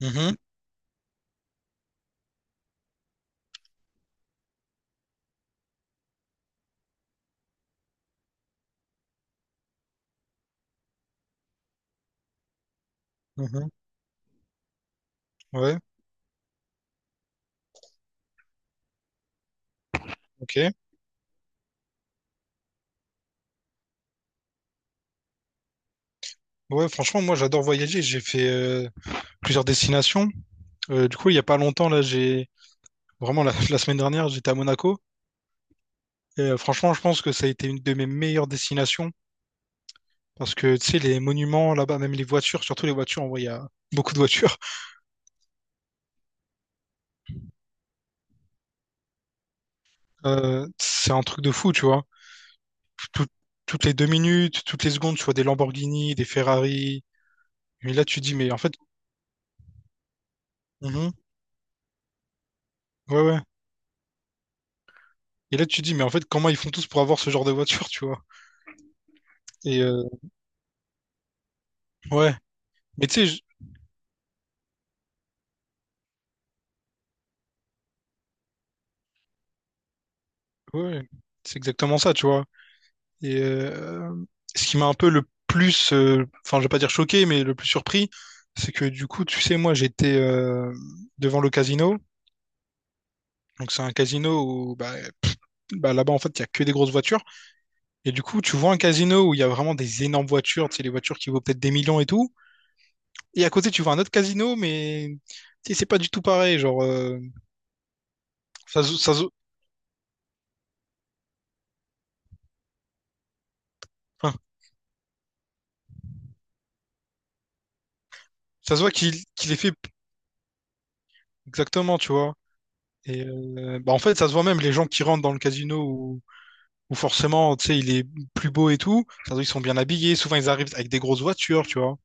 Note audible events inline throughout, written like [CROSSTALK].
Mhm, mhm, ouais, ok. Ouais, franchement, moi j'adore voyager. J'ai fait plusieurs destinations. Du coup, il y a pas longtemps, là, j'ai vraiment la, [LAUGHS] la semaine dernière, j'étais à Monaco. Et franchement, je pense que ça a été une de mes meilleures destinations parce que tu sais, les monuments là-bas, même les voitures, surtout les voitures, en vrai, il y a beaucoup de voitures. [LAUGHS] C'est un truc de fou, tu vois. Tout- Toutes les 2 minutes, toutes les secondes, tu vois des Lamborghini, des Ferrari. Mais là, tu dis, mais en fait, mhm, ouais, ouais. Et là, tu dis, mais en fait, comment ils font tous pour avoir ce genre de voiture, tu vois? Et ouais. Mais tu sais, ouais, c'est exactement ça, tu vois. Et ce qui m'a un peu le plus, enfin, je vais pas dire choqué, mais le plus surpris, c'est que du coup, tu sais, moi, j'étais devant le casino. Donc, c'est un casino où, bah, pff, bah, là-bas, en fait, il y a que des grosses voitures. Et du coup, tu vois un casino où il y a vraiment des énormes voitures, tu sais, les voitures qui vaut peut-être des millions et tout. Et à côté, tu vois un autre casino, mais tu sais, c'est pas du tout pareil. Genre, ça, se- ça, se- enfin, ça se voit qu'il est fait exactement, tu vois. Et bah en fait, ça se voit même, les gens qui rentrent dans le casino où, où forcément, tu sais, il est plus beau et tout, ça se voit qu'ils sont bien habillés, souvent ils arrivent avec des grosses voitures, tu vois.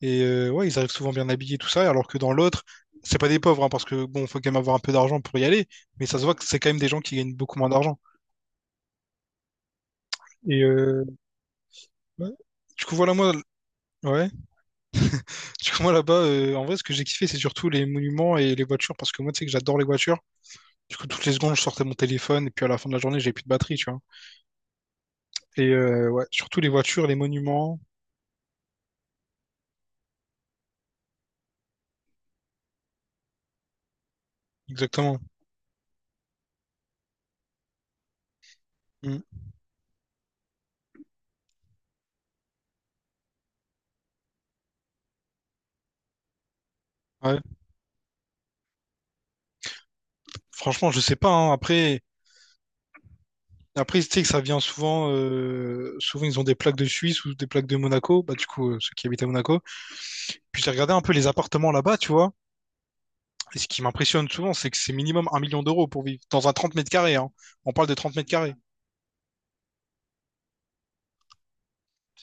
Et ouais, ils arrivent souvent bien habillés, tout ça, alors que dans l'autre, c'est pas des pauvres, hein, parce que bon, faut quand même avoir un peu d'argent pour y aller, mais ça se voit que c'est quand même des gens qui gagnent beaucoup moins d'argent. Et ouais. Du coup, voilà, moi, ouais. Du coup, moi, là-bas, en vrai, ce que j'ai kiffé, c'est surtout les monuments et les voitures, parce que moi, tu sais que j'adore les voitures. Du coup, toutes les secondes, je sortais mon téléphone, et puis à la fin de la journée, j'avais plus de batterie, tu vois. Et ouais, surtout les voitures, les monuments, exactement. Mm. Ouais. Franchement, je sais pas, hein. Après, après, tu sais que ça vient souvent, souvent, ils ont des plaques de Suisse ou des plaques de Monaco. Bah, du coup, ceux qui habitent à Monaco. Puis j'ai regardé un peu les appartements là-bas, tu vois. Et ce qui m'impressionne souvent, c'est que c'est minimum 1 million d'euros pour vivre dans un 30 mètres carrés, hein. On parle de 30 mètres carrés.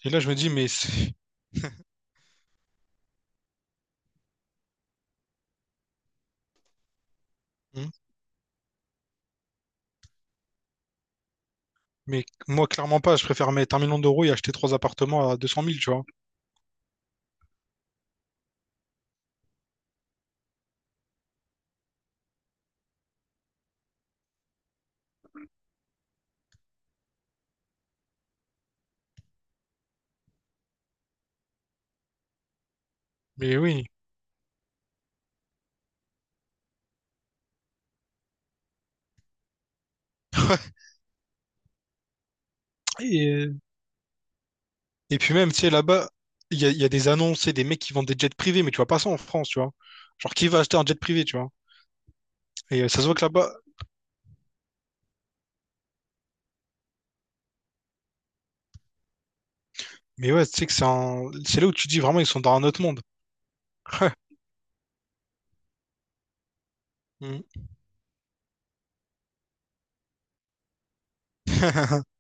Et là, je me dis, mais c'est- Mm. Mais moi, clairement pas. Je préfère mettre 1 million d'euros et acheter 3 appartements à 200 000, tu vois. Mais oui. Et et puis même, tu sais, là-bas, il y a des annonces et des mecs qui vendent des jets privés, mais tu vois pas ça en France, tu vois. Genre, qui va acheter un jet privé, tu vois? Et ça se voit que là-bas, mais ouais, tu sais que c'est un... c'est là où tu dis vraiment, ils sont dans un autre monde. [LAUGHS] Mm. [LAUGHS]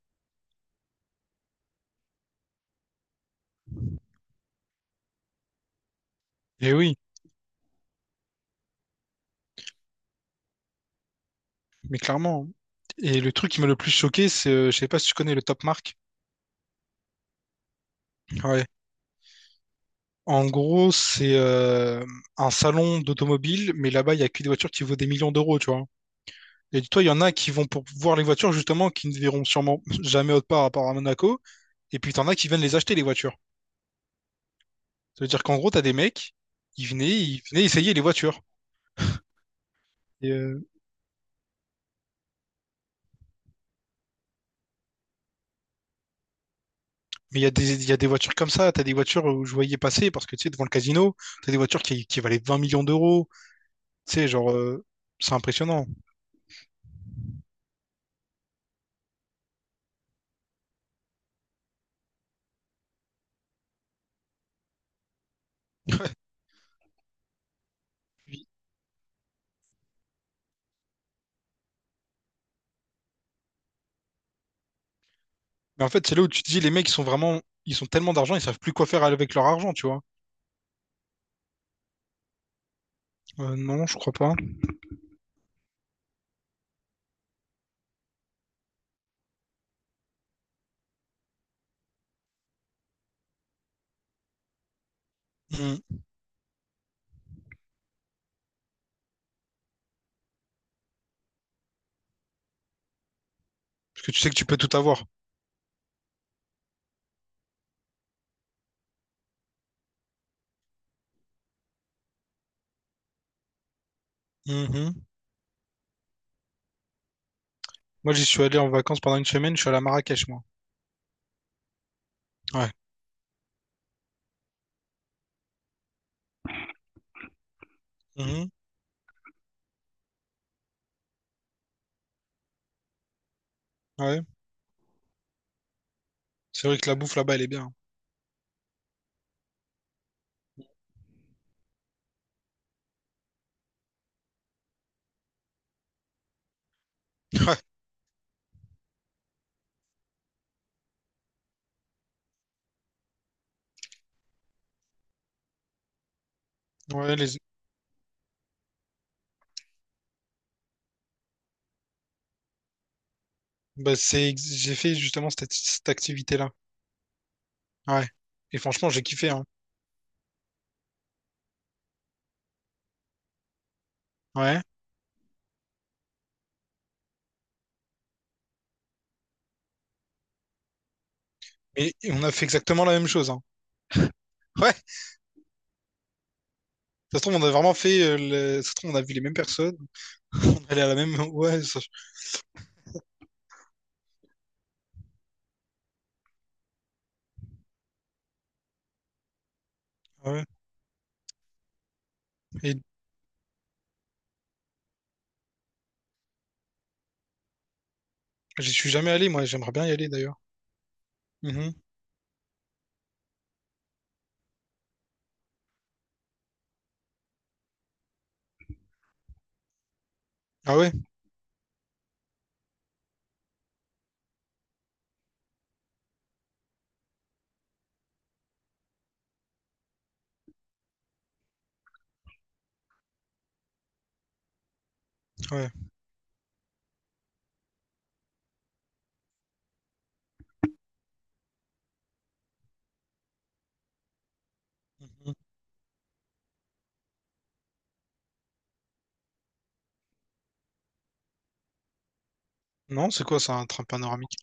Et oui, mais clairement, hein. Et le truc qui m'a le plus choqué, c'est, je sais pas si tu connais le Top Mark. Ouais. En gros, c'est un salon d'automobile, mais là-bas, il y a que des voitures qui vaut des millions d'euros, tu vois. Et dis-toi, il y en a qui vont pour voir les voitures, justement, qui ne verront sûrement jamais autre part à part à Monaco. Et puis, t'en as qui viennent les acheter, les voitures. Ça veut dire qu'en gros, t'as des mecs, ils venaient essayer les voitures. Et, mais il y a des, il y a des voitures comme ça. T'as des voitures où je voyais passer, parce que, tu sais, devant le casino, t'as des voitures qui valaient 20 millions d'euros. Tu sais, genre, c'est impressionnant. Mais en fait, c'est là où tu te dis, les mecs, ils sont vraiment, ils ont tellement d'argent, ils savent plus quoi faire avec leur argent, tu vois. Non, je crois pas. Mm. Parce que tu sais que tu peux tout avoir. Mhm. Moi, j'y suis allé en vacances pendant 1 semaine, je suis allé à Marrakech, moi. Ouais. Mhm. Ouais. C'est vrai que la bouffe là-bas, elle est bien. Ouais. Ouais, les... bah, c'est... j'ai fait justement cette, cette activité-là. Ouais. Et franchement, j'ai kiffé, hein. Ouais. Et on a fait exactement la même chose, hein. Ouais. Ça se trouve, on a vraiment fait, ça se trouve, on a vu les mêmes personnes. [LAUGHS] On est allé à la même. Ouais. ça- Ouais. Et j'y suis jamais allé, moi. J'aimerais bien y aller, d'ailleurs. Mhm. Ah ouais? Ouais. Mhm. Non, c'est quoi ça, un train panoramique?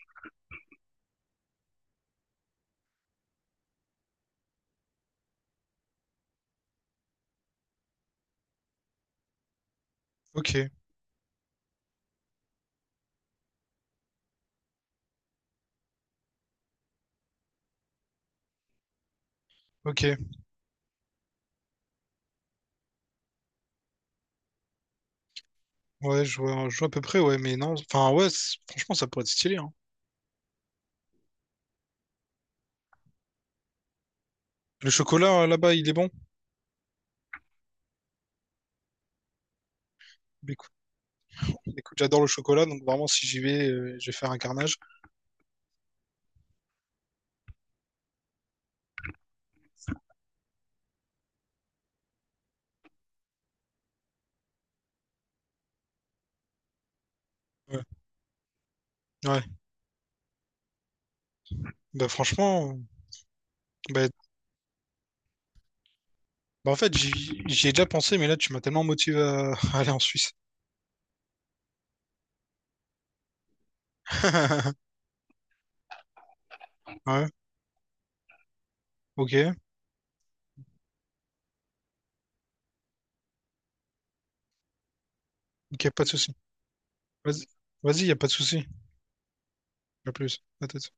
Ok. Ok. Ouais, je vois à peu près, ouais, mais non. Enfin, ouais, c'est- franchement, ça pourrait être stylé, hein. Le chocolat, là-bas, il est bon. Mais écoute, écoute, j'adore le chocolat, donc vraiment, si j'y vais, je vais faire un carnage. Ouais. Ouais. Bah, franchement, bah, bah, en fait, j'y ai déjà pensé, mais là, tu m'as tellement motivé à, [LAUGHS] à aller en Suisse. [LAUGHS] Ouais, ok, ok, pas de souci. Vas-y, vas-y, y a pas de souci. À plus. À toute.